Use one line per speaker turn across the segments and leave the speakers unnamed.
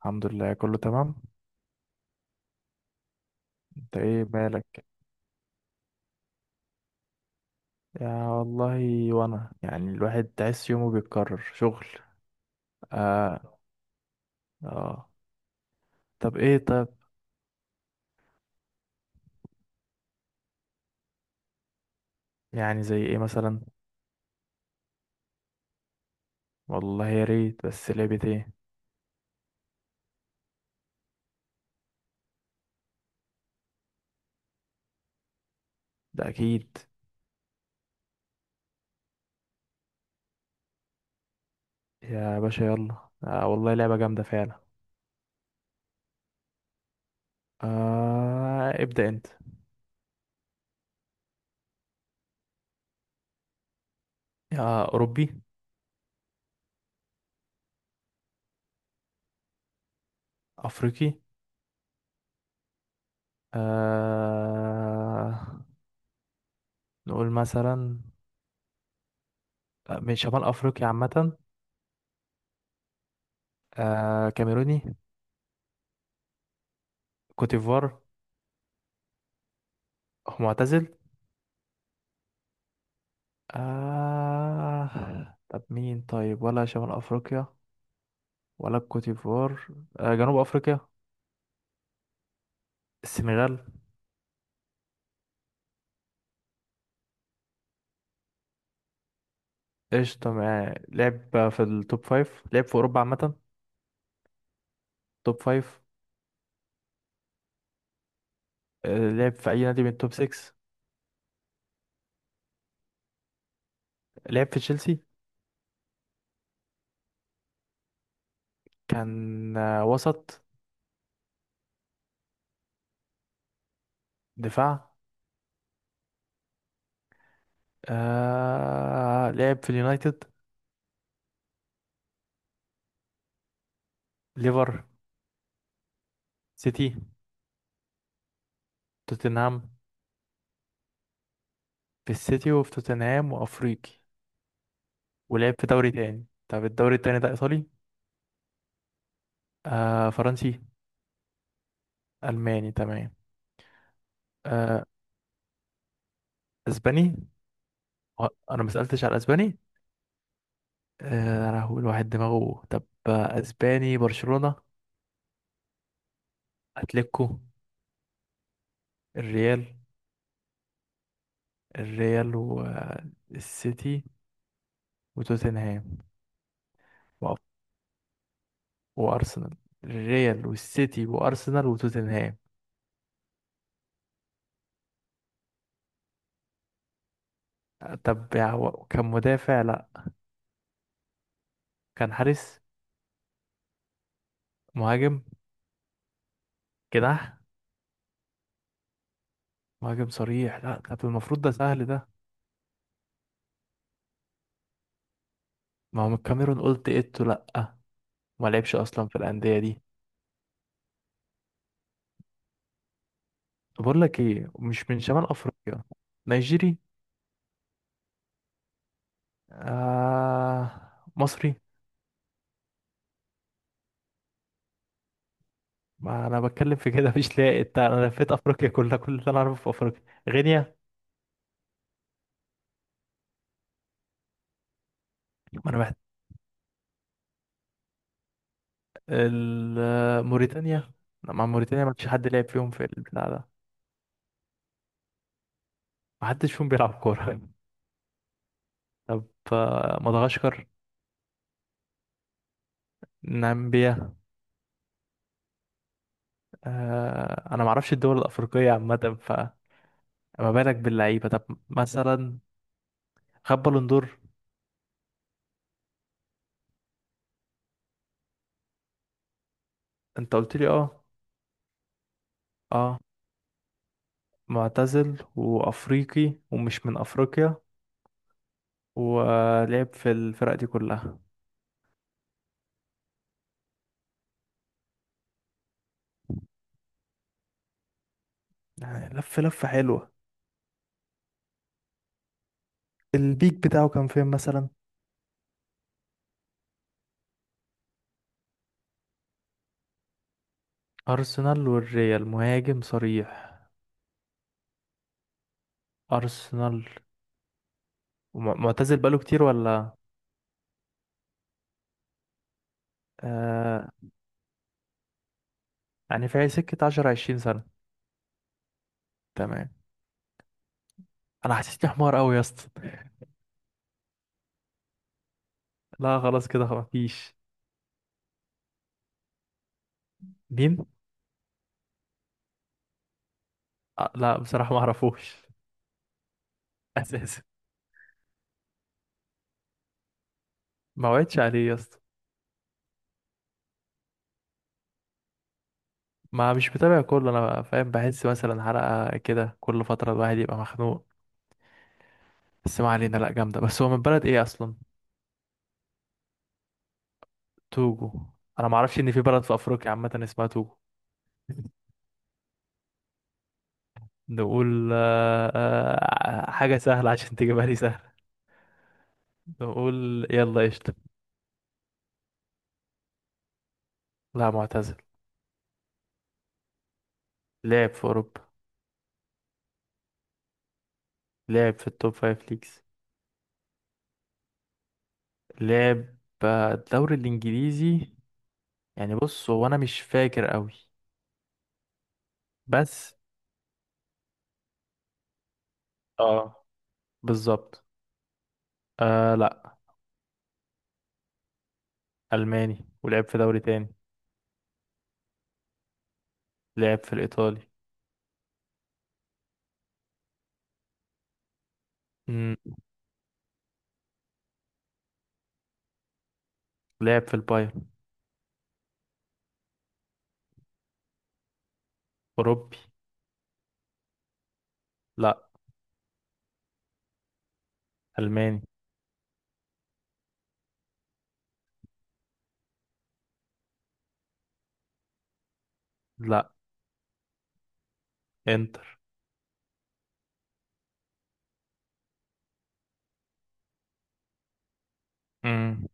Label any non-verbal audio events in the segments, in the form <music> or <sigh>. الحمد لله، كله تمام. انت ايه مالك؟ يا والله وانا يعني الواحد تحس يومه بيتكرر شغل. اه اه. طب ايه طب؟ يعني زي ايه مثلا؟ والله يا ريت، بس لعبة ايه؟ ده اكيد. يا باشا يلا، آه والله لعبة جامدة فعلا. آه، ابدأ انت. يا اوروبي؟ افريقي؟ آه، نقول مثلا، آه، من شمال افريقيا عامة؟ آه كاميروني؟ كوتيفوار؟ معتزل؟ آه طب مين طيب؟ ولا شمال أفريقيا؟ ولا الكوتيفوار؟ آه جنوب أفريقيا؟ السنغال؟ قشطة. معاه لعب في التوب فايف؟ لعب في أوروبا عامة؟ توب فايف. آه لعب في أي نادي من التوب سكس؟ لعب في تشيلسي؟ كان آه وسط دفاع؟ آه لعب في اليونايتد؟ ليفر؟ سيتي؟ توتنهام؟ في السيتي وفي توتنهام وأفريقي. ولعب في دوري تاني. طب الدوري التاني ده إيطالي؟ آه فرنسي؟ ألماني تمام. آه، اسباني. آه، انا ما سالتش على الاسباني. آه، انا هقول واحد دماغه. طب آه، اسباني برشلونة؟ اتلتيكو؟ الريال. الريال والسيتي وتوتنهام و- وارسنال. الريال والسيتي وارسنال وتوتنهام. آه، طب يا هو كان مدافع؟ لا، كان حارس؟ مهاجم؟ جناح؟ مهاجم صريح؟ لا طب المفروض ده سهل ده. ما هو من الكاميرون قلت ايتو؟ لا، ما لعبش اصلا في الانديه دي. بقول لك ايه، مش من شمال افريقيا؟ نيجيري؟ آه مصري؟ ما انا بتكلم في كده مش لاقي. انت انا لفيت افريقيا كلها، كل اللي انا اعرفه في افريقيا. غينيا؟ ما انا محت... موريتانيا؟ لا، مع موريتانيا ما فيش حد لعب فيهم في البتاع ده. ما حدش فيهم بيلعب كوره. <laughs> طب آه، مدغشقر؟ نامبيا؟ آه انا ما اعرفش الدول الافريقيه عامه، فما بالك باللعيبه. طب مثلا خد بالون دور؟ انت قلت لي اه. اه، معتزل وأفريقي ومش من أفريقيا، ولعب في الفرق دي كلها. يعني لف لفة حلوة. البيك بتاعه كان فين مثلا؟ أرسنال والريال مهاجم صريح؟ أرسنال معتزل بقاله كتير ولا؟ آه يعني في سكة 10 20 سنة. تمام. أنا حسيتني حمار أوي يا اسطى. لا خلاص كده، خلاص مفيش. مين؟ آه لا بصراحة ما أعرفوش. <laughs> أساسا؟ ما وعدتش عليه يا اسطى. ما مش متابع كله، انا فاهم، بحس مثلا حلقة كده كل فترة الواحد يبقى مخنوق. بس ما علينا، لا جامدة. بس هو من بلد ايه اصلا؟ توجو؟ انا ما اعرفش ان في بلد في افريقيا عامة اسمها توجو. نقول آه، آه، حاجة سهلة عشان تجيبها لي سهل. نقول يلا قشطة. لا معتزل. لعب في اوروبا. لعب في التوب فايف ليجز. لعب آه، الدوري الانجليزي. يعني بص هو انا مش فاكر قوي. بس اه. بالظبط. آه لا. الماني ولعب في دوري تاني. لعب في الإيطالي. مم. لعب في البايرن. أوروبي. لا. ألماني. لا. إنتر. مم.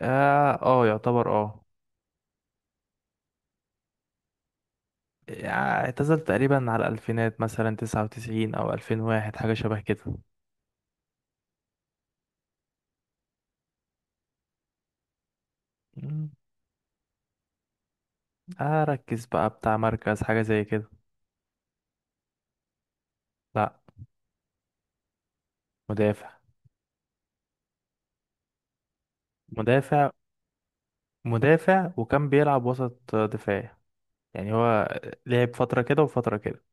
آه. آه يعتبر آه. آه، اعتزل تقريبا على الألفينات، مثلا 99 أو 2001، حاجة شبه كده. مم. آه ركز بقى، بتاع مركز حاجة زي كده. لا. مدافع. مدافع. مدافع وكان بيلعب وسط دفاع، يعني هو لعب فترة كده وفترة كده.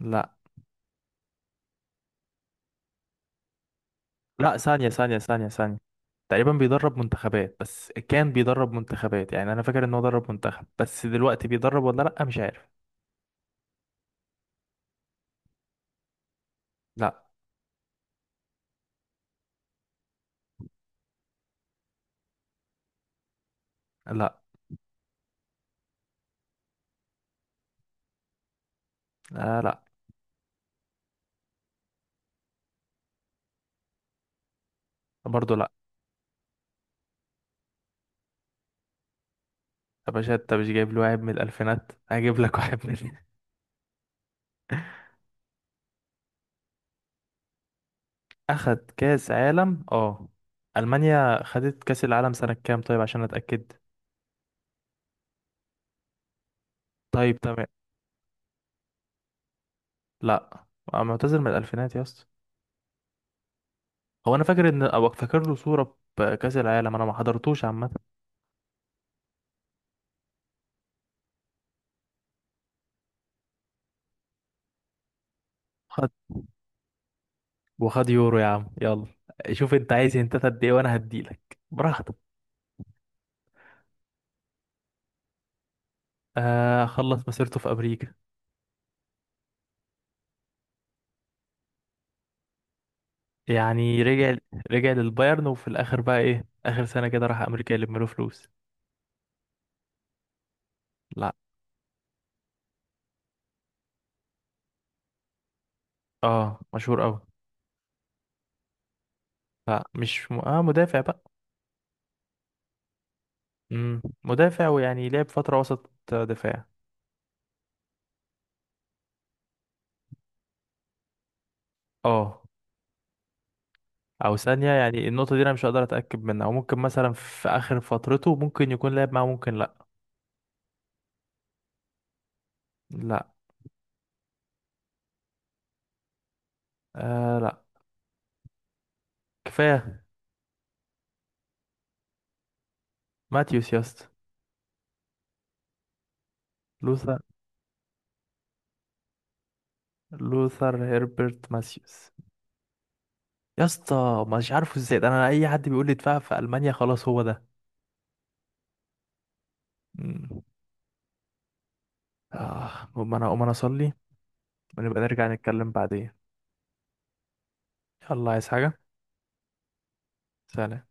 لا. لا، ثانية ثانية ثانية ثانية. تقريبا بيدرب منتخبات، بس كان بيدرب منتخبات. يعني انا فاكر ان هو درب منتخب، بس دلوقتي بيدرب ولا لا مش عارف. لا. لا. آه لا. برضه لا. يا باشا انت مش جايب لي واحد من الالفينات، هجيب لك واحد من <laughs> اخد كاس عالم اه. المانيا خدت كاس العالم سنة كام طيب عشان اتاكد. طيب تمام. لا. آه، معتذر من الالفينات يا اسطى. هو انا فاكر ان، او فاكر له صورة بكاس العالم، انا ما حضرتوش عامة. وخد يورو يا عم يلا. شوف انت عايز انت قد ايه وانا هديلك براحتك. آه خلص مسيرته في امريكا. يعني رجع. رجع للبايرن وفي الاخر بقى ايه اخر سنة كده راح امريكا يلم له فلوس. لا. اه مشهور قوي. لا مش م... اه مدافع بقى. مدافع، ويعني لعب فترة وسط دفاع. اه. او ثانية، يعني النقطة دي انا مش هقدر اتاكد منها، او ممكن مثلا في اخر فترته ممكن يكون لعب معاه ممكن لا. لا. آه لا. كفاية. ماتيوس يا اسطى. لوثر. لوثر هيربرت ماثيوس. يا اسطى مش عارفه ازاي ده، انا اي حد بيقول لي اتفقع في المانيا خلاص هو ده. مم. اه المهم انا اقوم انا اصلي. ونبقى نرجع نتكلم بعدين. يلا عايز حاجه؟ سلام.